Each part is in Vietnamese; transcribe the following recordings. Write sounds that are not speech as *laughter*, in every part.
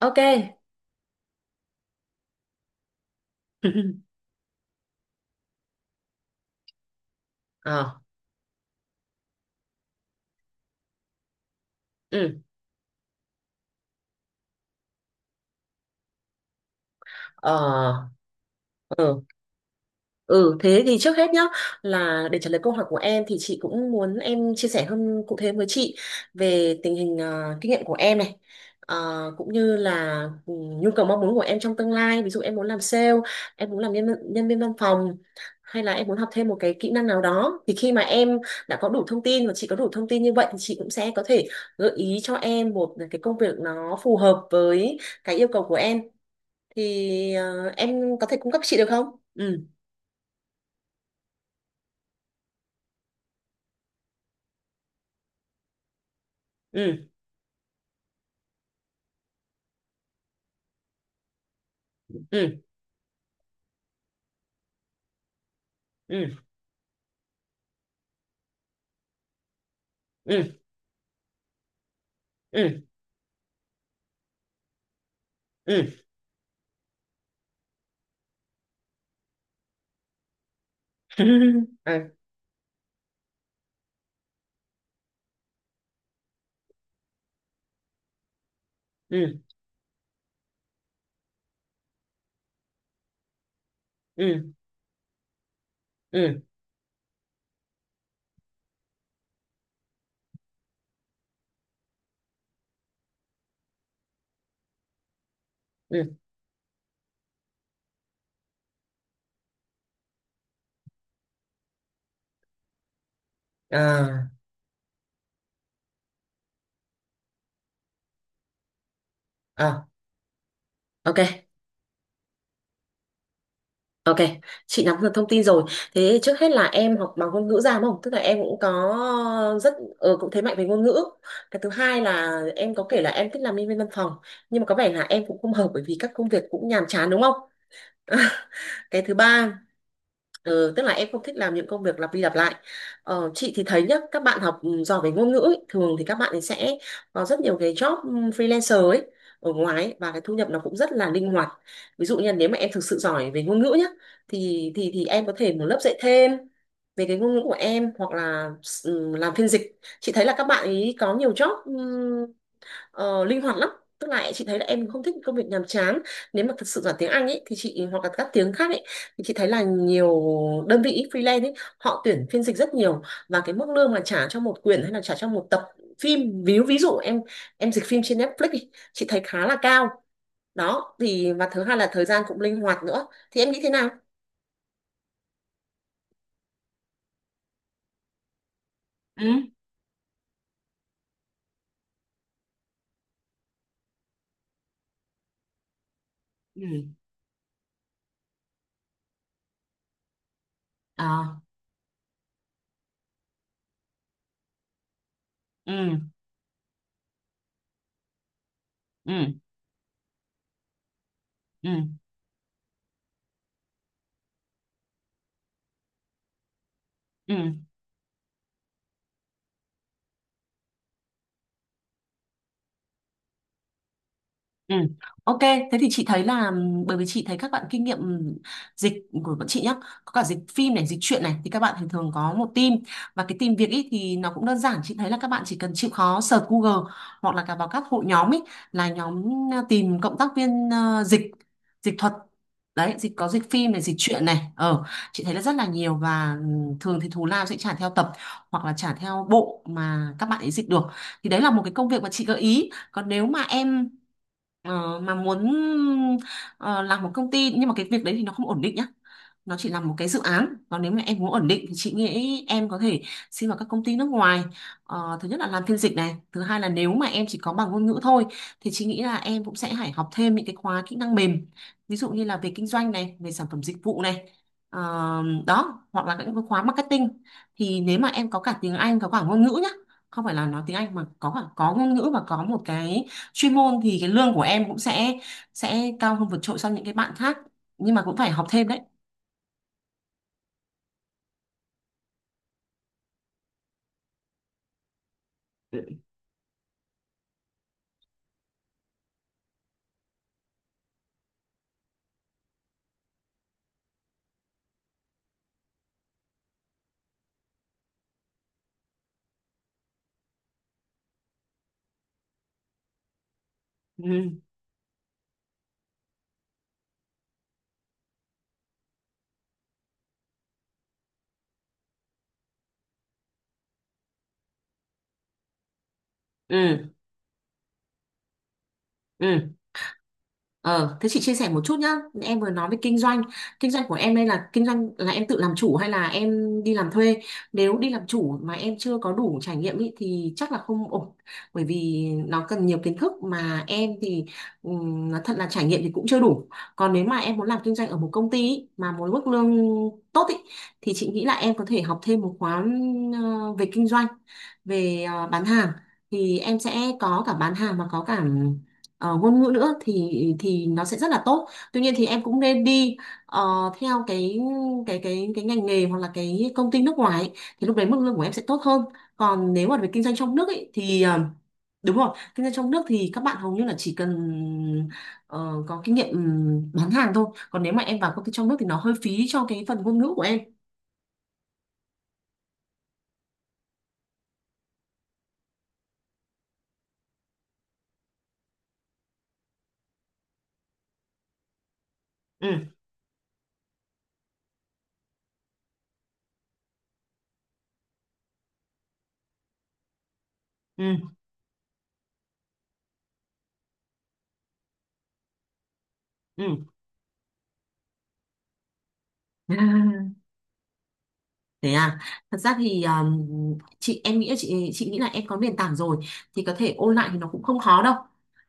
Ok. *laughs* Ờ. Ừ. Ờ. Ừ. Ừ, thế thì trước hết nhá, là để trả lời câu hỏi của em thì chị cũng muốn em chia sẻ hơn cụ thể với chị về tình hình kinh nghiệm của em này. Ờ, Cũng như là nhu cầu mong muốn của em trong tương lai, ví dụ em muốn làm sale, em muốn làm nhân viên văn phòng, hay là em muốn học thêm một cái kỹ năng nào đó, thì khi mà em đã có đủ thông tin và chị có đủ thông tin như vậy thì chị cũng sẽ có thể gợi ý cho em một cái công việc nó phù hợp với cái yêu cầu của em. Thì em có thể cung cấp chị được không? Ừ, ừ, ừ, ừ, ừ, ừ, ừ. *laughs* À, ừ, ừ, ừ, ừ. À, à, ok, ok. Chị nắm được thông tin rồi. Thế trước hết là em học bằng ngôn ngữ ra, đúng không? Tức là em cũng có rất cũng thế mạnh về ngôn ngữ. Cái thứ hai là em có kể là em thích làm nhân viên văn phòng, nhưng mà có vẻ là em cũng không hợp bởi vì các công việc cũng nhàm chán, đúng không? *laughs* Cái thứ ba. Ừ, tức là em không thích làm những công việc lặp đi lặp lại. Ờ, chị thì thấy nhá, các bạn học giỏi về ngôn ngữ ấy, thường thì các bạn ấy sẽ có rất nhiều cái job freelancer ấy ở ngoài ấy, và cái thu nhập nó cũng rất là linh hoạt. Ví dụ như là nếu mà em thực sự giỏi về ngôn ngữ nhá, thì em có thể một lớp dạy thêm về cái ngôn ngữ của em hoặc là làm phiên dịch. Chị thấy là các bạn ấy có nhiều job linh hoạt lắm, tức là chị thấy là em không thích công việc nhàm chán, nếu mà thật sự giỏi tiếng Anh ấy thì chị hoặc là các tiếng khác ấy thì chị thấy là nhiều đơn vị freelance ấy họ tuyển phiên dịch rất nhiều, và cái mức lương mà trả cho một quyển hay là trả cho một tập phim, ví ví dụ em dịch phim trên Netflix đi, chị thấy khá là cao. Đó thì, và thứ hai là thời gian cũng linh hoạt nữa, thì em nghĩ thế nào? Ừ. Ừ. Ờ. Ừ. Ừ. Ừ. Ừ. Ừ. Ok, thế thì chị thấy là bởi vì chị thấy các bạn kinh nghiệm dịch của bọn chị nhá, có cả dịch phim này, dịch truyện này, thì các bạn thường thường có một team, và cái team việc ý thì nó cũng đơn giản, chị thấy là các bạn chỉ cần chịu khó search Google hoặc là cả vào các hội nhóm ý, là nhóm tìm cộng tác viên dịch, dịch thuật. Đấy, dịch có dịch phim này, dịch truyện này. Ờ, chị thấy là rất là nhiều và thường thì thù lao sẽ trả theo tập hoặc là trả theo bộ mà các bạn ấy dịch được. Thì đấy là một cái công việc mà chị gợi ý. Còn nếu mà em mà muốn ờ, làm một công ty nhưng mà cái việc đấy thì nó không ổn định nhá, nó chỉ là một cái dự án. Còn nếu mà em muốn ổn định thì chị nghĩ em có thể xin vào các công ty nước ngoài. Ờ, thứ nhất là làm phiên dịch này, thứ hai là nếu mà em chỉ có bằng ngôn ngữ thôi thì chị nghĩ là em cũng sẽ phải học thêm những cái khóa kỹ năng mềm, ví dụ như là về kinh doanh này, về sản phẩm dịch vụ này. Ờ, Đó hoặc là những cái khóa marketing, thì nếu mà em có cả tiếng Anh, có cả ngôn ngữ nhá, không phải là nói tiếng Anh mà có cả có ngôn ngữ và có một cái chuyên môn thì cái lương của em cũng sẽ cao hơn vượt trội so với những cái bạn khác, nhưng mà cũng phải học thêm đấy. Ừ. Ừ. Ừ. Ờ, thế chị chia sẻ một chút nhá. Em vừa nói về kinh doanh. Kinh doanh của em đây là kinh doanh là em tự làm chủ hay là em đi làm thuê? Nếu đi làm chủ mà em chưa có đủ trải nghiệm ý, thì chắc là không ổn. Bởi vì nó cần nhiều kiến thức mà em thì nói thật là trải nghiệm thì cũng chưa đủ. Còn nếu mà em muốn làm kinh doanh ở một công ty ý, mà muốn mức lương tốt ý, thì chị nghĩ là em có thể học thêm một khóa về kinh doanh, về bán hàng. Thì em sẽ có cả bán hàng mà có cả ngôn ngữ nữa, thì nó sẽ rất là tốt. Tuy nhiên thì em cũng nên đi ờ, theo cái ngành nghề hoặc là cái công ty nước ngoài ấy, thì lúc đấy mức lương của em sẽ tốt hơn. Còn nếu mà về kinh doanh trong nước ấy, thì đúng rồi, kinh doanh trong nước thì các bạn hầu như là chỉ cần có kinh nghiệm bán hàng thôi. Còn nếu mà em vào công ty trong nước thì nó hơi phí cho cái phần ngôn ngữ của em. Ừ. Ừ. Ừ. *laughs* Thế à, thật ra thì chị nghĩ là em có nền tảng rồi thì có thể ôn lại thì nó cũng không khó đâu.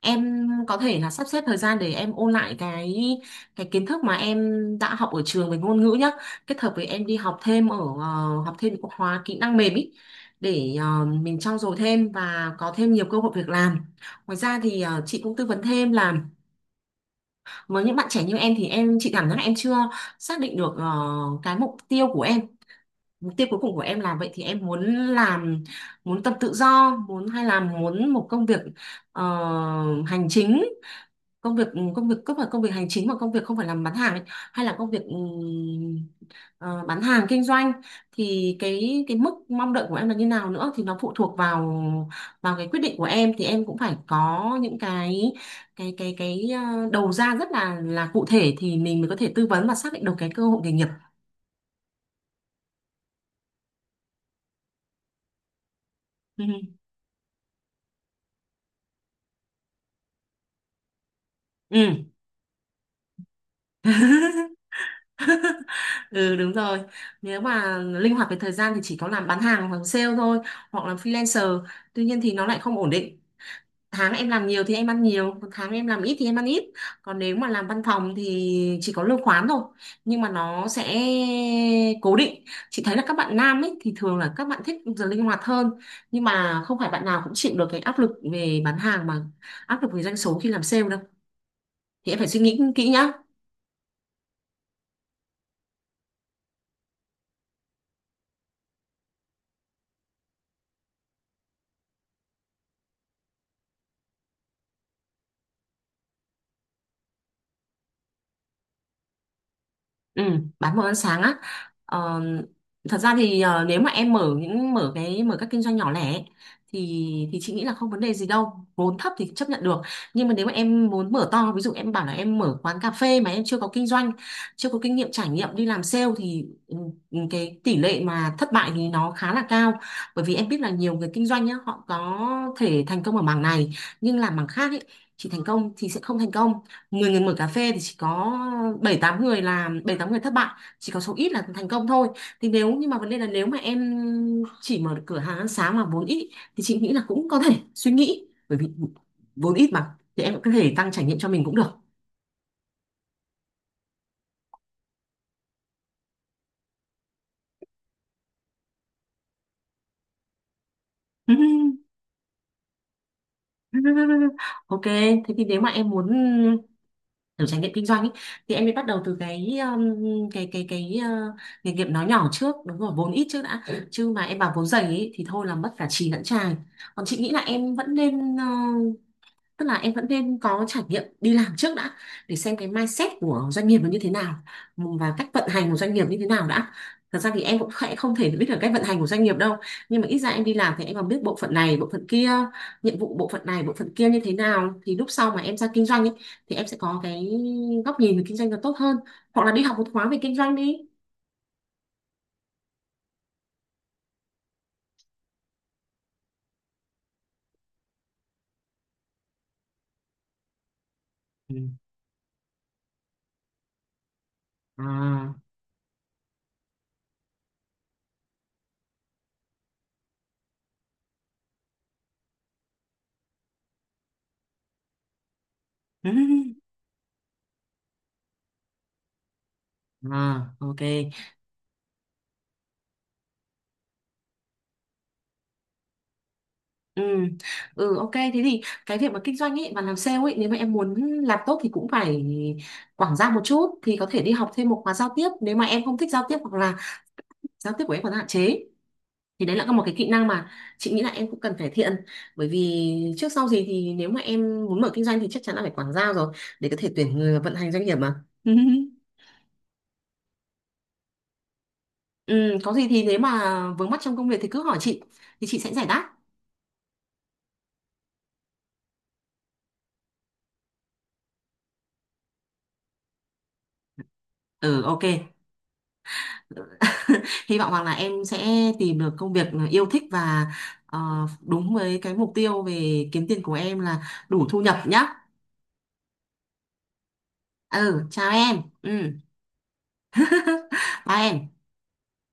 Em có thể là sắp xếp thời gian để em ôn lại cái kiến thức mà em đã học ở trường về ngôn ngữ nhá, kết hợp với em đi học thêm ở học thêm các khóa kỹ năng mềm ý, để mình trau dồi thêm và có thêm nhiều cơ hội việc làm. Ngoài ra thì chị cũng tư vấn thêm là với những bạn trẻ như em thì chị cảm giác là em chưa xác định được cái mục tiêu của em, mục tiêu cuối cùng của em là vậy, thì em muốn làm, muốn tập tự do muốn, hay là muốn một công việc ờ, hành chính, công việc, công việc không phải công việc hành chính mà công việc không phải làm bán hàng ấy, hay là công việc bán hàng kinh doanh, thì cái mức mong đợi của em là như nào nữa, thì nó phụ thuộc vào vào cái quyết định của em, thì em cũng phải có những cái đầu ra rất là cụ thể thì mình mới có thể tư vấn và xác định được cái cơ hội nghề nghiệp. Ừ. Ừ. *laughs* Ừ, đúng rồi. Nếu mà linh hoạt về thời gian thì chỉ có làm bán hàng hoặc sale thôi. Hoặc là freelancer. Tuy nhiên thì nó lại không ổn định. Tháng em làm nhiều thì em ăn nhiều, còn tháng em làm ít thì em ăn ít. Còn nếu mà làm văn phòng thì chỉ có lương khoán thôi, nhưng mà nó sẽ cố định. Chị thấy là các bạn nam ấy thì thường là các bạn thích giờ linh hoạt hơn, nhưng mà không phải bạn nào cũng chịu được cái áp lực về bán hàng, mà áp lực về doanh số khi làm sale đâu. Thì em phải suy nghĩ kỹ nhá. Ừ, bán đồ ăn sáng á. Ờ, thật ra thì nếu mà em mở những mở cái mở các kinh doanh nhỏ lẻ ấy, thì thì chị nghĩ là không vấn đề gì đâu. Vốn thấp thì chấp nhận được. Nhưng mà nếu mà em muốn mở to, ví dụ em bảo là em mở quán cà phê mà em chưa có kinh doanh, chưa có kinh nghiệm trải nghiệm đi làm sale thì cái tỷ lệ mà thất bại thì nó khá là cao. Bởi vì em biết là nhiều người kinh doanh nhá, họ có thể thành công ở mảng này nhưng làm mảng khác ấy, chỉ thành công thì sẽ không thành công. 10 người mở cà phê thì chỉ có 7 8 người làm, 7 8 người thất bại, chỉ có số ít là thành công thôi. Thì nếu, nhưng mà vấn đề là nếu mà em chỉ mở được cửa hàng ăn sáng mà vốn ít thì chị nghĩ là cũng có thể suy nghĩ, bởi vì vốn ít mà thì em cũng có thể tăng trải nghiệm cho mình cũng được. *laughs* Ok, thế thì nếu mà em muốn kiểu trải nghiệm kinh doanh ý, thì em mới bắt đầu từ cái nghề nghiệp nó nhỏ trước, đúng rồi vốn ít trước đã, chứ mà em bảo vốn dày ý, thì thôi là mất cả chì lẫn chài. Còn chị nghĩ là em vẫn nên tức là em vẫn nên có trải nghiệm đi làm trước đã để xem cái mindset của doanh nghiệp nó như thế nào và cách vận hành của doanh nghiệp như thế nào đã. Thật ra thì em cũng khẽ không thể biết được cách vận hành của doanh nghiệp đâu, nhưng mà ít ra em đi làm thì em còn biết bộ phận này bộ phận kia, nhiệm vụ bộ phận này bộ phận kia như thế nào, thì lúc sau mà em ra kinh doanh ấy, thì em sẽ có cái góc nhìn về kinh doanh nó tốt hơn, hoặc là đi học một khóa về kinh doanh đi. Ừ. À. *laughs* Ừ. À, ok. Ừ. Ừ, ok, thế thì cái việc mà kinh doanh ấy và làm sale ấy, nếu mà em muốn làm tốt thì cũng phải quảng giao một chút, thì có thể đi học thêm một khóa giao tiếp nếu mà em không thích giao tiếp hoặc là giao tiếp của em còn hạn chế, thì đấy là một cái kỹ năng mà chị nghĩ là em cũng cần cải thiện, bởi vì trước sau gì thì nếu mà em muốn mở kinh doanh thì chắc chắn là phải quảng giao rồi, để có thể tuyển người và vận hành doanh nghiệp mà. *laughs* Ừ, có gì thì nếu mà vướng mắc trong công việc thì cứ hỏi chị, thì chị sẽ giải đáp. Ừ, ok. Hy vọng rằng là em sẽ tìm được công việc yêu thích và ờ, đúng với cái mục tiêu về kiếm tiền của em là đủ thu nhập nhá. Ừ, chào em. Ừ, *laughs* bye em.